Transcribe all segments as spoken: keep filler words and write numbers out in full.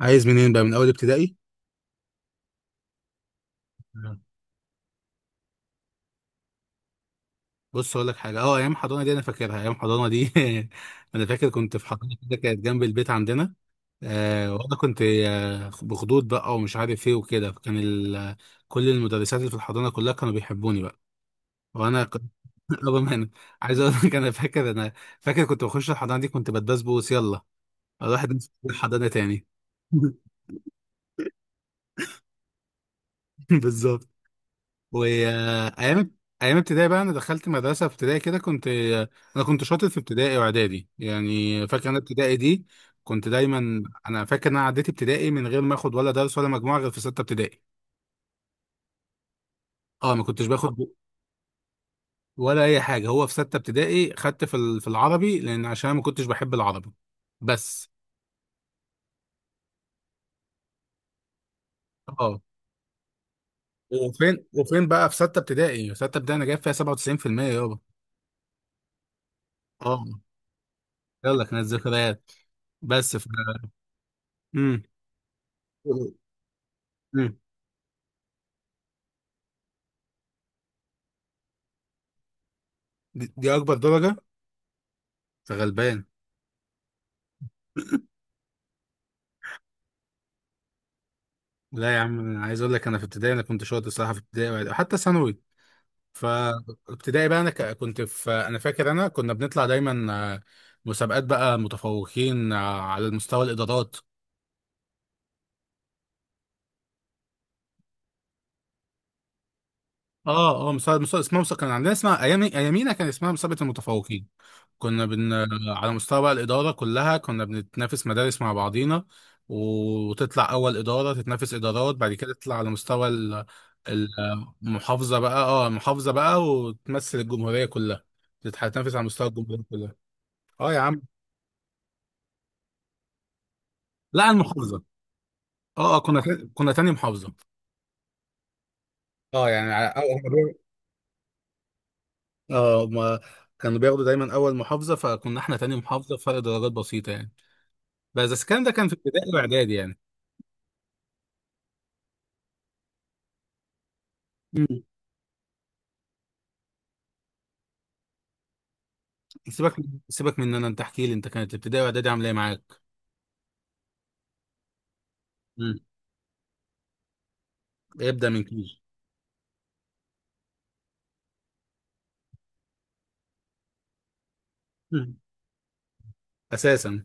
عايز منين بقى، من اول ابتدائي؟ مم. بص اقول لك حاجه، اه ايام حضانه دي انا فاكرها. ايام حضانه دي انا فاكر كنت في حضانه كده كانت جنب البيت عندنا. آه وانا كنت آه بخدود بقى ومش عارف ايه وكده، فكان ال- كل المدرسات اللي في الحضانه كلها كانوا بيحبوني بقى. وانا كنت رغم انا عايز اقول لك، انا فاكر انا فاكر كنت بخش الحضانه دي كنت بتبسبوس، يلا اروح أدرس في الحضانه تاني. بالظبط. وايام ايام ابتدائي بقى، انا دخلت مدرسه في ابتدائي كده، كنت انا كنت شاطر في ابتدائي واعدادي يعني. فاكر انا ابتدائي دي كنت دايما. انا فاكر ان انا عديت ابتدائي من غير ما اخد ولا درس ولا مجموعه غير في سته ابتدائي. اه ما كنتش باخد ولا اي حاجه. هو في سته ابتدائي خدت في ال- في العربي، لان عشان أنا ما كنتش بحب العربي بس. اه، وفين وفين بقى. في سته ابتدائي في سته ابتدائي انا جايب فيها سبعه وتسعين في الميه يابا. اه، يلا كانت ذكريات بس ف... امم. دي, دي اكبر درجه. أنت غلبان. لا يا عم، انا عايز اقول لك انا في ابتدائي انا كنت شاطر الصراحه، في ابتدائي وحتى ثانوي. فابتدائي بقى انا ك- كنت في، انا فاكر انا كنا بنطلع دايما، آه، مسابقات بقى متفوقين، آه، على المستوى الادارات. اه اه مسابقه مسابقه اسمها. مسابقه كان عندنا، اسمها ايام ايامينا، كان اسمها مسابقه المتفوقين. كنا بن على مستوى بقى الإدارة كلها كنا بنتنافس مدارس مع بعضينا، وتطلع أول إدارة تتنافس إدارات، بعد كده تطلع على مستوى ال- المحافظة بقى. اه، المحافظة بقى، وتمثل الجمهورية كلها، تتنافس على مستوى الجمهورية كلها. اه يا عم. لا، المحافظة. اه اه كنا تا- كنا تاني محافظة. اه يعني على- اه هما بياخدوا- آه، هما كانوا بياخدوا دايما أول محافظة، فكنا احنا تاني محافظة، فرق درجات بسيطة يعني. بس الكلام ده كان في ابتدائي وإعدادي يعني. سيبك، سيبك من ان انت احكي لي انت كانت ابتدائي واعدادي عامله ايه معاك. امم. ابدا من كيجي. امم. اساسا.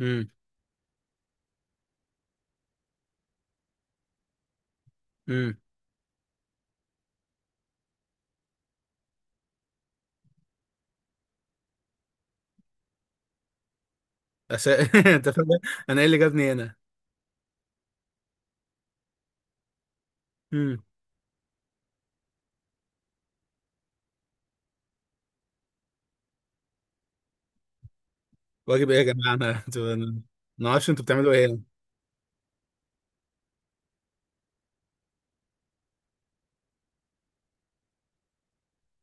امم. امم. أسا... انت فاهم انا ايه اللي جابني هنا. امم. واجب ايه يا جماعه؟ انا أنتوا- أنا ما اعرفش انتوا بتعملوا ايه هنا.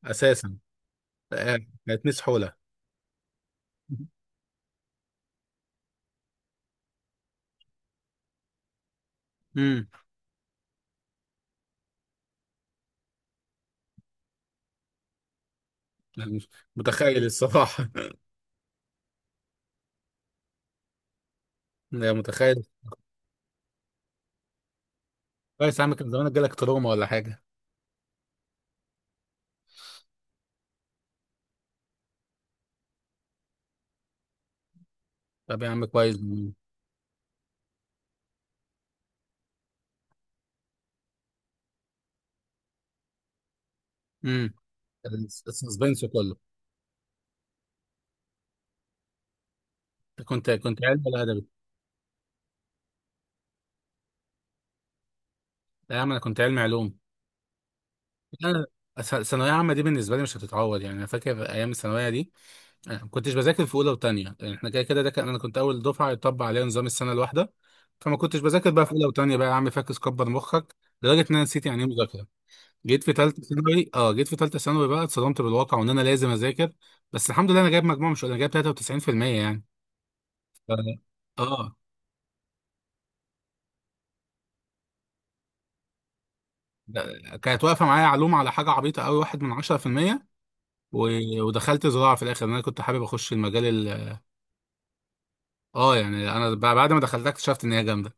اساسا. آه، كانت ميس حوله. امم. مش متخيل الصراحه. يا متخيل. كويس يا عم، كان زمانك جالك تروما ولا حاجه. طب يا عم، كويس. امم. السسبنس كله. كنت كنت علمي ولا ادبي؟ لا يا عم انا كنت علمي علوم. لا، س- ثانوية عامة دي بالنسبة لي مش هتتعوض يعني. أنا فاكر أيام الثانوية دي. أنا ما كنتش بذاكر في أولى وتانية، يعني إحنا كده كده ده كان، أنا كنت أول دفعة يطبق عليها نظام السنة الواحدة. فما كنتش بذاكر بقى في أولى وتانية بقى، يا عم فاكس كبر مخك. لدرجة إن أنا نسيت يعني إيه مذاكرة. جيت في تالتة ثانوي، أه جيت في تالتة ثانوي بقى اتصدمت بالواقع وإن أنا لازم أذاكر. بس الحمد لله أنا جايب مجموع مش قليل، أنا جايب تلاته وتسعين في الميه يعني. ف... أه ده- كانت واقفة معايا علوم على حاجة عبيطة أوي، واحد من عشره في الميه، و... ودخلت زراعة في الآخر، لأن أنا كنت حابب أخش المجال. اه يعني انا ب- بعد ما دخلتها اكتشفت ان هي جامده.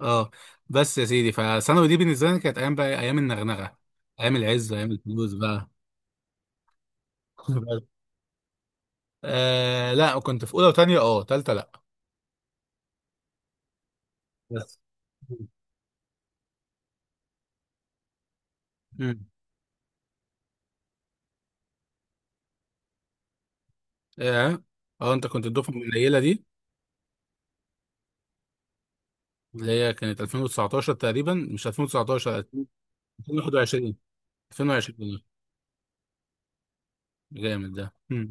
اه. بس يا سيدي، فثانوي دي بالنسبه لي كانت ايام بقى إيه، ايام النغنغه، ايام العز، ايام الفلوس بقى. آه لا كنت في اولى وثانيه، اه ثالثه لا. بس امم. اه اه انت كنت الدفعه القليله دي، اللي هي كانت ألفين وتسعتاشر تقريبا، مش ألفين وتسعتاشر، ألفين وواحد وعشرين، ألفين وواحد وعشرين. جامد ده. امم.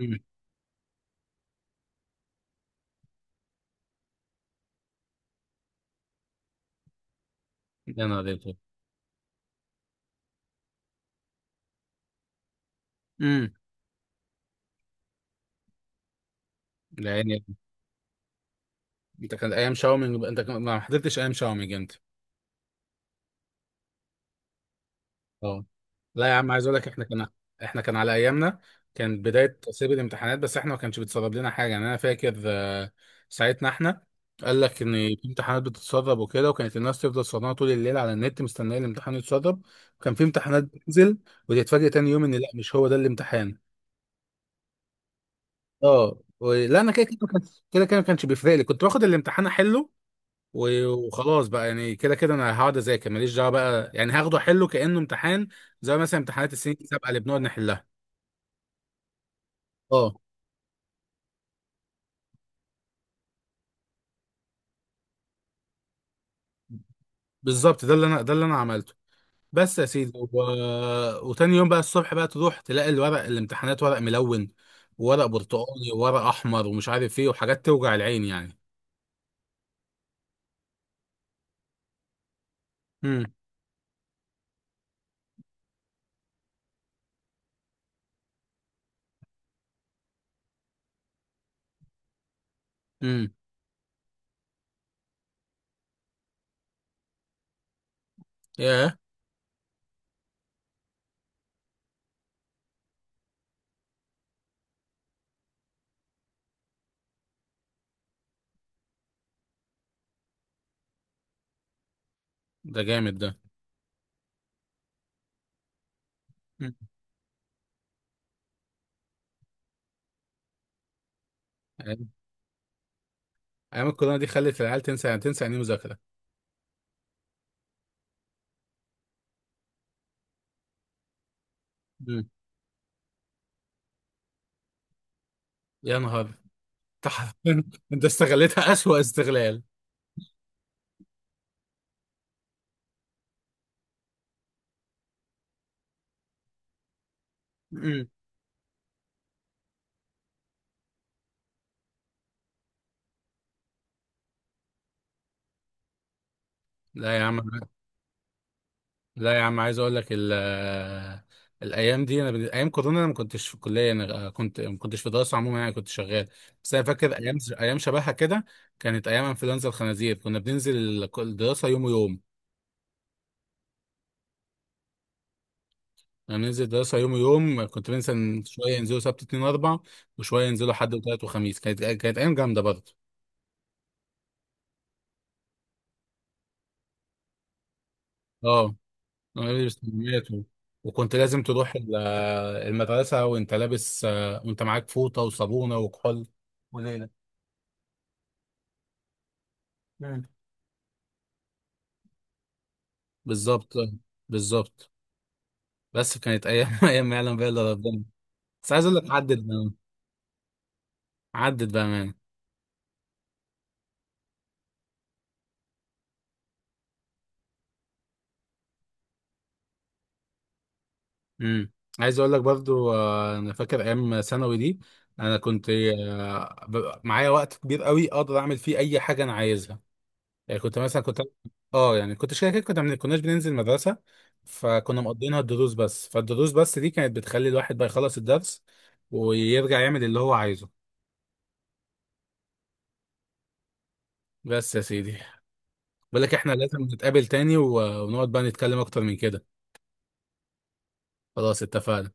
امم. يا نهار أبيض. امم يعني انت. كان ايام شاومينج انت، كان- ما حضرتش ايام شاومينج انت. اه، لا يا عم، عايز اقول لك احنا كان احنا كان على ايامنا كان بدايه تسريب الامتحانات، بس احنا ما كانش بيتسرب لنا حاجه يعني. انا فاكر، آه، ساعتنا احنا قال لك ان في امتحانات بتتسرب وكده، وكانت الناس تفضل سهرانه طول الليل على النت مستنيه الامتحان يتسرب. وكان في امتحانات بتنزل وتتفاجئ تاني يوم ان لا، مش هو ده الامتحان. اه، و- لا انا كده كده ما كانش- كده كده ما كانش بيفرق لي، كنت باخد الامتحان احله. و- وخلاص بقى، يعني كده كده انا هقعد اذاكر ماليش دعوه بقى، يعني هاخده احله كانه امتحان، زي مثلا امتحانات السنين السابقه اللي بنقعد نحلها. اه بالظبط، ده اللي انا ده اللي انا عملته. بس يا سيدي و... وتاني يوم بقى الصبح بقى تروح تلاقي الورق، الامتحانات ورق ملون، وورق برتقالي، وورق احمر، ومش عارف ايه، وحاجات توجع العين يعني. امم. امم. ياه. ده جامد ده. مم. ايام أيام الكورونا دي خلت العيال تنسى، يعني تنسى يعني إيه مذاكره. مم. يا نهار. انت حرفياً- أنت استغلتها اسوأ استغلال. لا يا عم لا يا عم، عايز اقول لك ال- الايام دي، انا بن- ايام كورونا انا ما كنتش في كليه، انا كنت، ما كنتش في دراسه عموما يعني، كنت شغال. بس انا فاكر ايام، ايام شبهها كده، كانت ايام انفلونزا الخنازير. كنا بننزل ال- الدراسه يوم ويوم، كنا بننزل الدراسه يوم ويوم، كنت بننزل شويه ينزلوا سبت اثنين واربع، وشويه ينزلوا حد وثلاث وخميس. كانت كانت ايام جامده برضه. اه، أنا لابس كميات و- وكنت لازم تروح ال- المدرسه وانت لابس، آه، وانت معاك فوطه وصابونه وكحول وليله. مم. بالظبط. بالظبط. بس كانت ايام ايام ما يعلم بها الا ربنا. بس عايز اقول لك، عدت بقى، عدت بقى مان. امم. عايز اقول لك برضو، آه، انا فاكر ايام ثانوي دي، انا كنت، آه، ب- معايا وقت كبير قوي اقدر اعمل فيه اي حاجه انا عايزها. يعني كنت مثلا كنت، اه يعني كنت كده كده كنا ما كناش بننزل مدرسه، فكنا مقضينها الدروس بس، فالدروس بس دي كانت بتخلي الواحد بقى يخلص الدرس ويرجع يعمل اللي هو عايزه. بس يا سيدي، بقول لك احنا لازم نتقابل تاني، و- ونقعد بقى نتكلم اكتر من كده. خلاص اتفقنا.